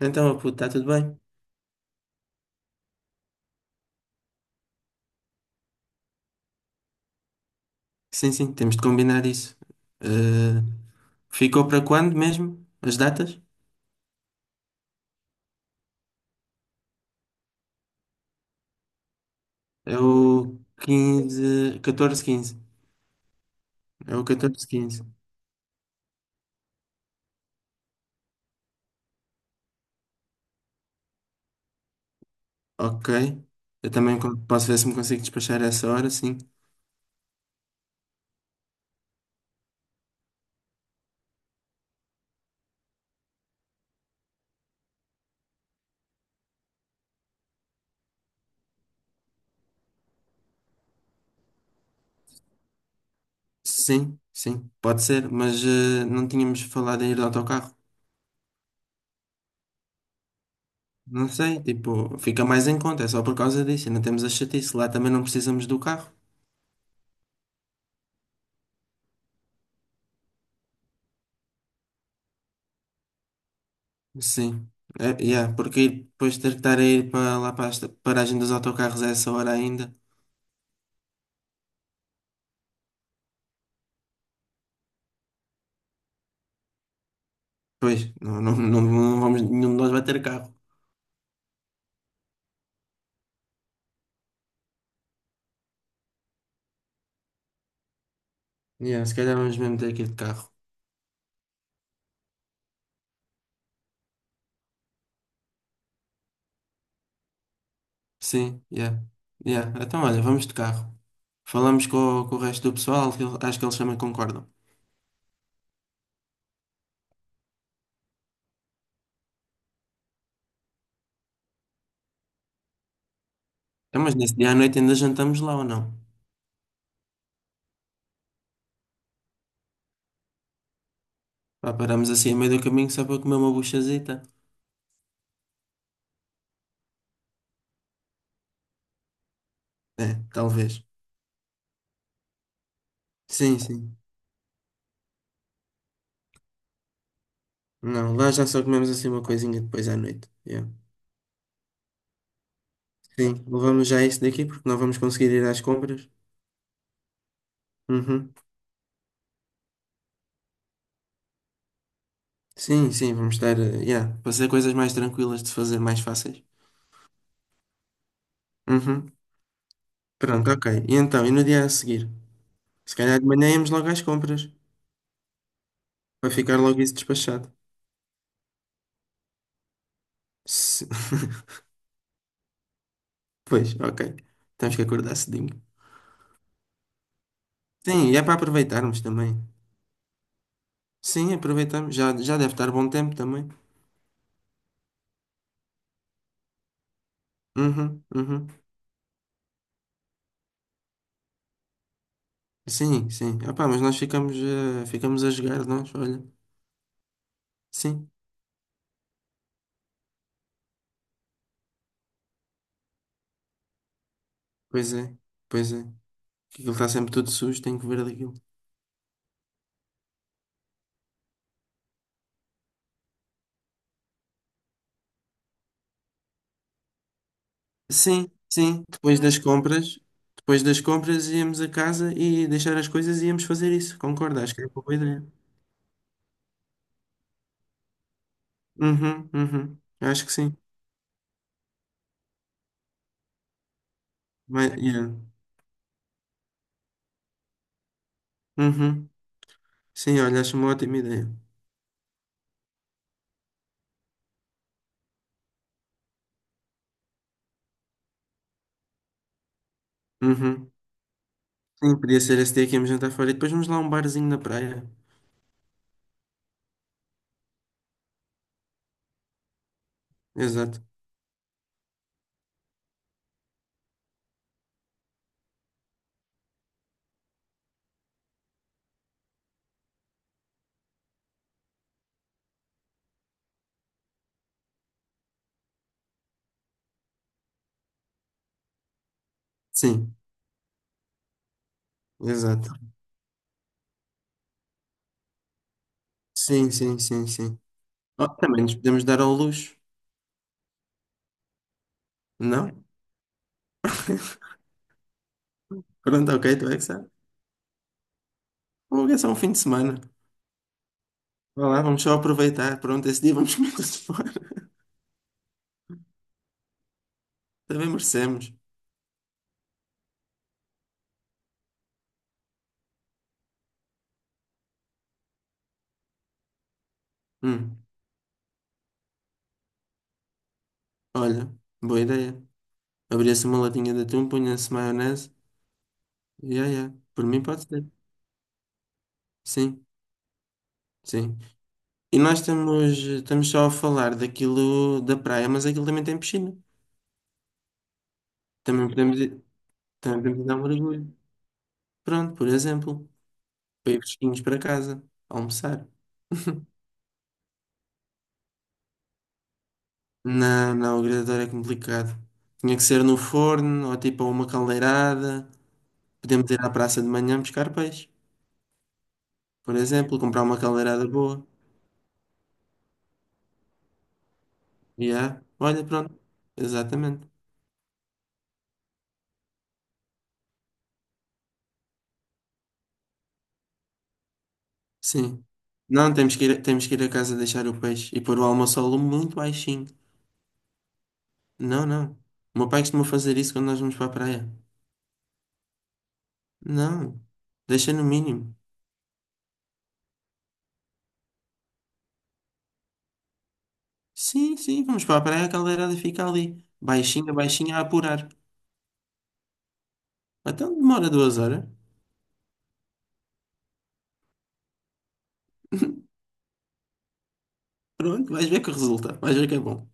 Então, oh, puto, está tudo bem? Sim, sim, temos de combinar isso. Eh, Ficou para quando mesmo? As datas? É o 15, 14, 15. É o 14, 15. Ok. Eu também posso ver se me consigo despachar a essa hora, sim. Sim, sim, pode ser, mas não tínhamos falado em ir de autocarro. Não sei, tipo, fica mais em conta, é só por causa disso. Ainda temos a chatice, lá também não precisamos do carro. Sim, é, yeah, porque depois ter que estar a ir para lá para a paragem dos autocarros a essa hora ainda. Pois, não, não, não, não vamos, nenhum de nós vai ter carro. Yeah, se calhar vamos mesmo ter que ir de carro. Sim, yeah. Yeah. Então olha, vamos de carro. Falamos com o resto do pessoal, que acho que eles também concordam. Então, mas nesse dia à noite ainda jantamos lá ou não? Pá, paramos assim a meio do caminho só para comer uma buchazita? É, talvez. Sim, sim. Não, lá já só comemos assim uma coisinha depois à noite. Yeah. Sim, levamos já isso daqui porque não vamos conseguir ir às compras. Uhum. Sim, sim, vamos estar, yeah, para ser coisas mais tranquilas de fazer, mais fáceis. Uhum. Pronto, ok. E então, e no dia a seguir? Se calhar de manhã íamos logo às compras, para ficar logo isso despachado. Se- Pois, ok. Temos que acordar cedinho. Sim, e é para aproveitarmos também. Sim, aproveitamos. Já, já deve estar bom tempo também. Uhum, uhum. Sim, sim. Ah, pá, mas nós ficamos a jogar, nós, olha. Sim, pois é, pois é. Que aquilo está sempre tudo sujo, tenho que ver daquilo. Sim, sim. Depois das compras íamos a casa e deixar as coisas e íamos fazer isso. Concordo, acho que é uma boa ideia. Uhum, uhum. Acho que sim. Mas, yeah. Uhum. Sim, olha, acho uma ótima ideia. Uhum. Sim, podia ser esse dia que íamos jantar fora e depois vamos lá a um barzinho na praia. Exato. Sim, exato. Sim, sim, sim, sim. Oh, também nos podemos dar ao luxo, não? Pronto, ok, tu é que sabe. Ou é só um fim de semana. Vá lá, vamos só aproveitar. Pronto, esse dia vamos comer-se fora. Também merecemos. Hum, olha, boa ideia. Abria-se uma latinha de atum, punha-se maionese. Ya, ya. Por mim pode ser. Sim, sim. E nós estamos só a falar daquilo da praia, mas aquilo também tem piscina. Também podemos ir, também podemos ir dar um mergulho. Pronto, por exemplo, para ir fresquinhos para casa, almoçar. Não, não, o grelhador é complicado. Tinha que ser no forno ou tipo a uma caldeirada. Podemos ir à praça de manhã buscar peixe. Por exemplo, comprar uma caldeirada boa. Yeah. Olha, pronto. Exatamente. Sim. Não, temos que ir a casa deixar o peixe e pôr o almoço ao lume muito baixinho. Não, não. O meu pai costuma fazer isso quando nós vamos para a praia. Não. Deixa no mínimo. Sim, sim, vamos para a praia, a caldeirada fica ali. Baixinha, baixinha a apurar. Então demora 2 horas. Pronto, vais ver que resulta. Vais ver que é bom.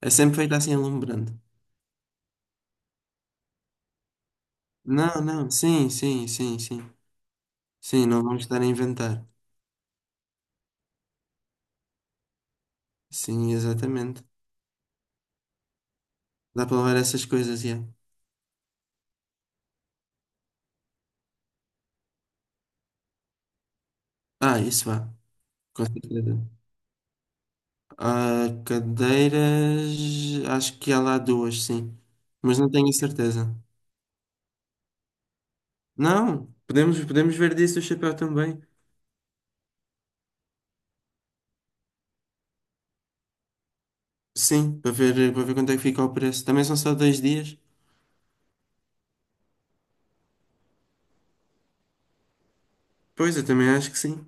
É sempre feito assim alumbrando. Não, não. Sim, sim, sim, sim. Sim, não vamos estar a inventar. Sim, exatamente. Dá para levar essas coisas, yeah. Ah, isso vá, com certeza. Ah, cadeiras, acho que há lá duas, sim. Mas não tenho a certeza. Não, podemos ver disso o chapéu também. Sim, para ver quanto é que fica o preço. Também são só 2 dias. Pois, eu também acho que sim.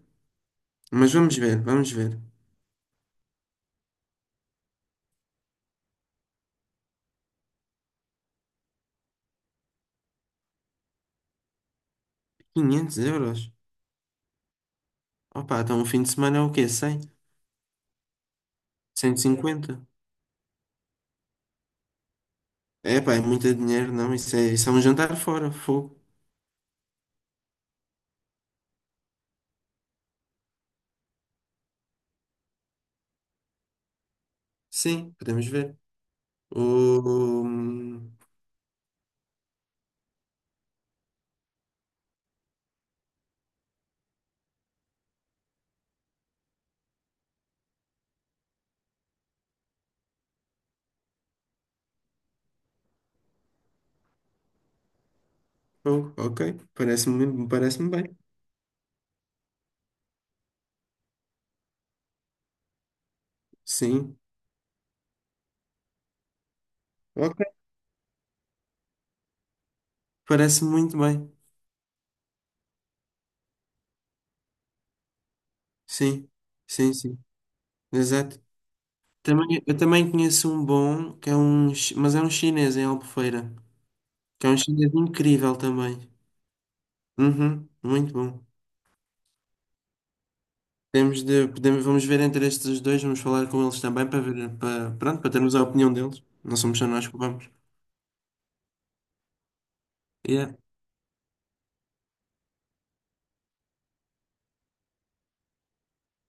Mas vamos ver, vamos ver. Quinhentos euros? Opa, então um fim de semana é o quê? 100? 150? É pá, é muito dinheiro, não. Isso é um jantar fora, fogo. Sim, podemos ver. O, hum, oh, ok, parece-me bem. Sim, ok. Parece muito bem. Sim, sim, sim. Exato. Também, eu também conheço um bom, que é um, mas é um chinês em Albufeira, que é um chinês incrível também. Uhum, muito bom. Temos de, podemos, vamos ver entre estes dois, vamos falar com eles também para ver, para, pronto, para termos a opinião deles. Não somos só nós que vamos. Yeah.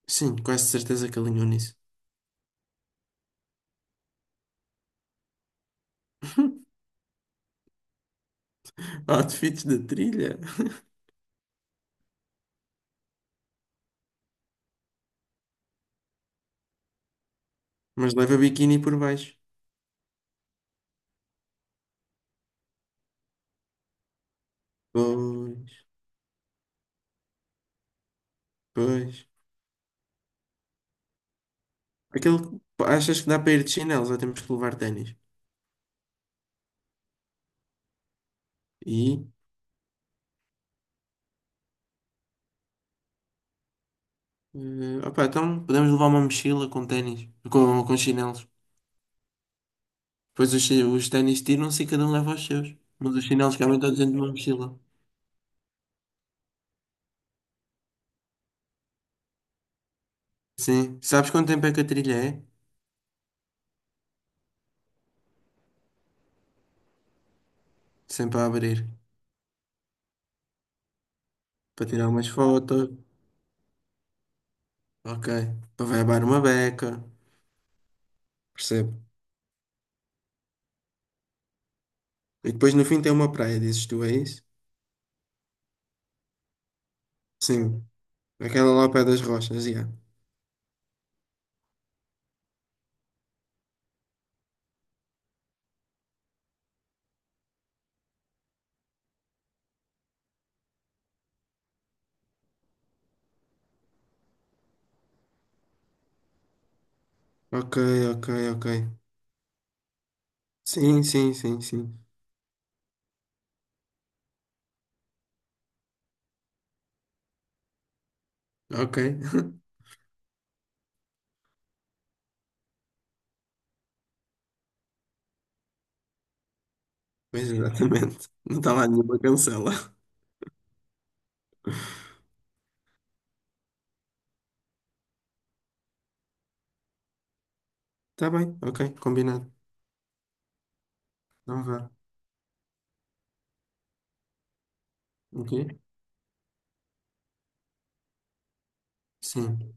Sim, quase certeza que alinhou nisso. Outfits da trilha. Mas leva biquíni por baixo. Pois, pois. Aquele, que- Achas que dá para ir de chinelos ou temos que levar ténis? E, Opá, então podemos levar uma mochila com ténis, com chinelos. Depois os ténis tiram-se e cada um leva os seus. Mas os chinelos cabem todos dentro de uma mochila. Sim. Sabes quanto tempo é que a trilha é? Sempre a abrir. Para tirar umas fotos. Ok. Para levar uma beca. Percebo. E depois no fim tem uma praia, dizes tu, é isso? Sim. Aquela lá ao pé das rochas, já. Ok, ok, ok. Sim, sim, sim, sim. Ok. Pois exatamente. Não está lá nenhuma cancela. Tá bem, ok, combinado. Então vá. Ok? Sim.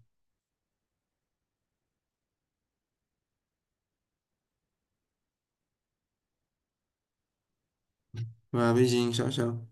Vá, beijinho, tchau, tchau.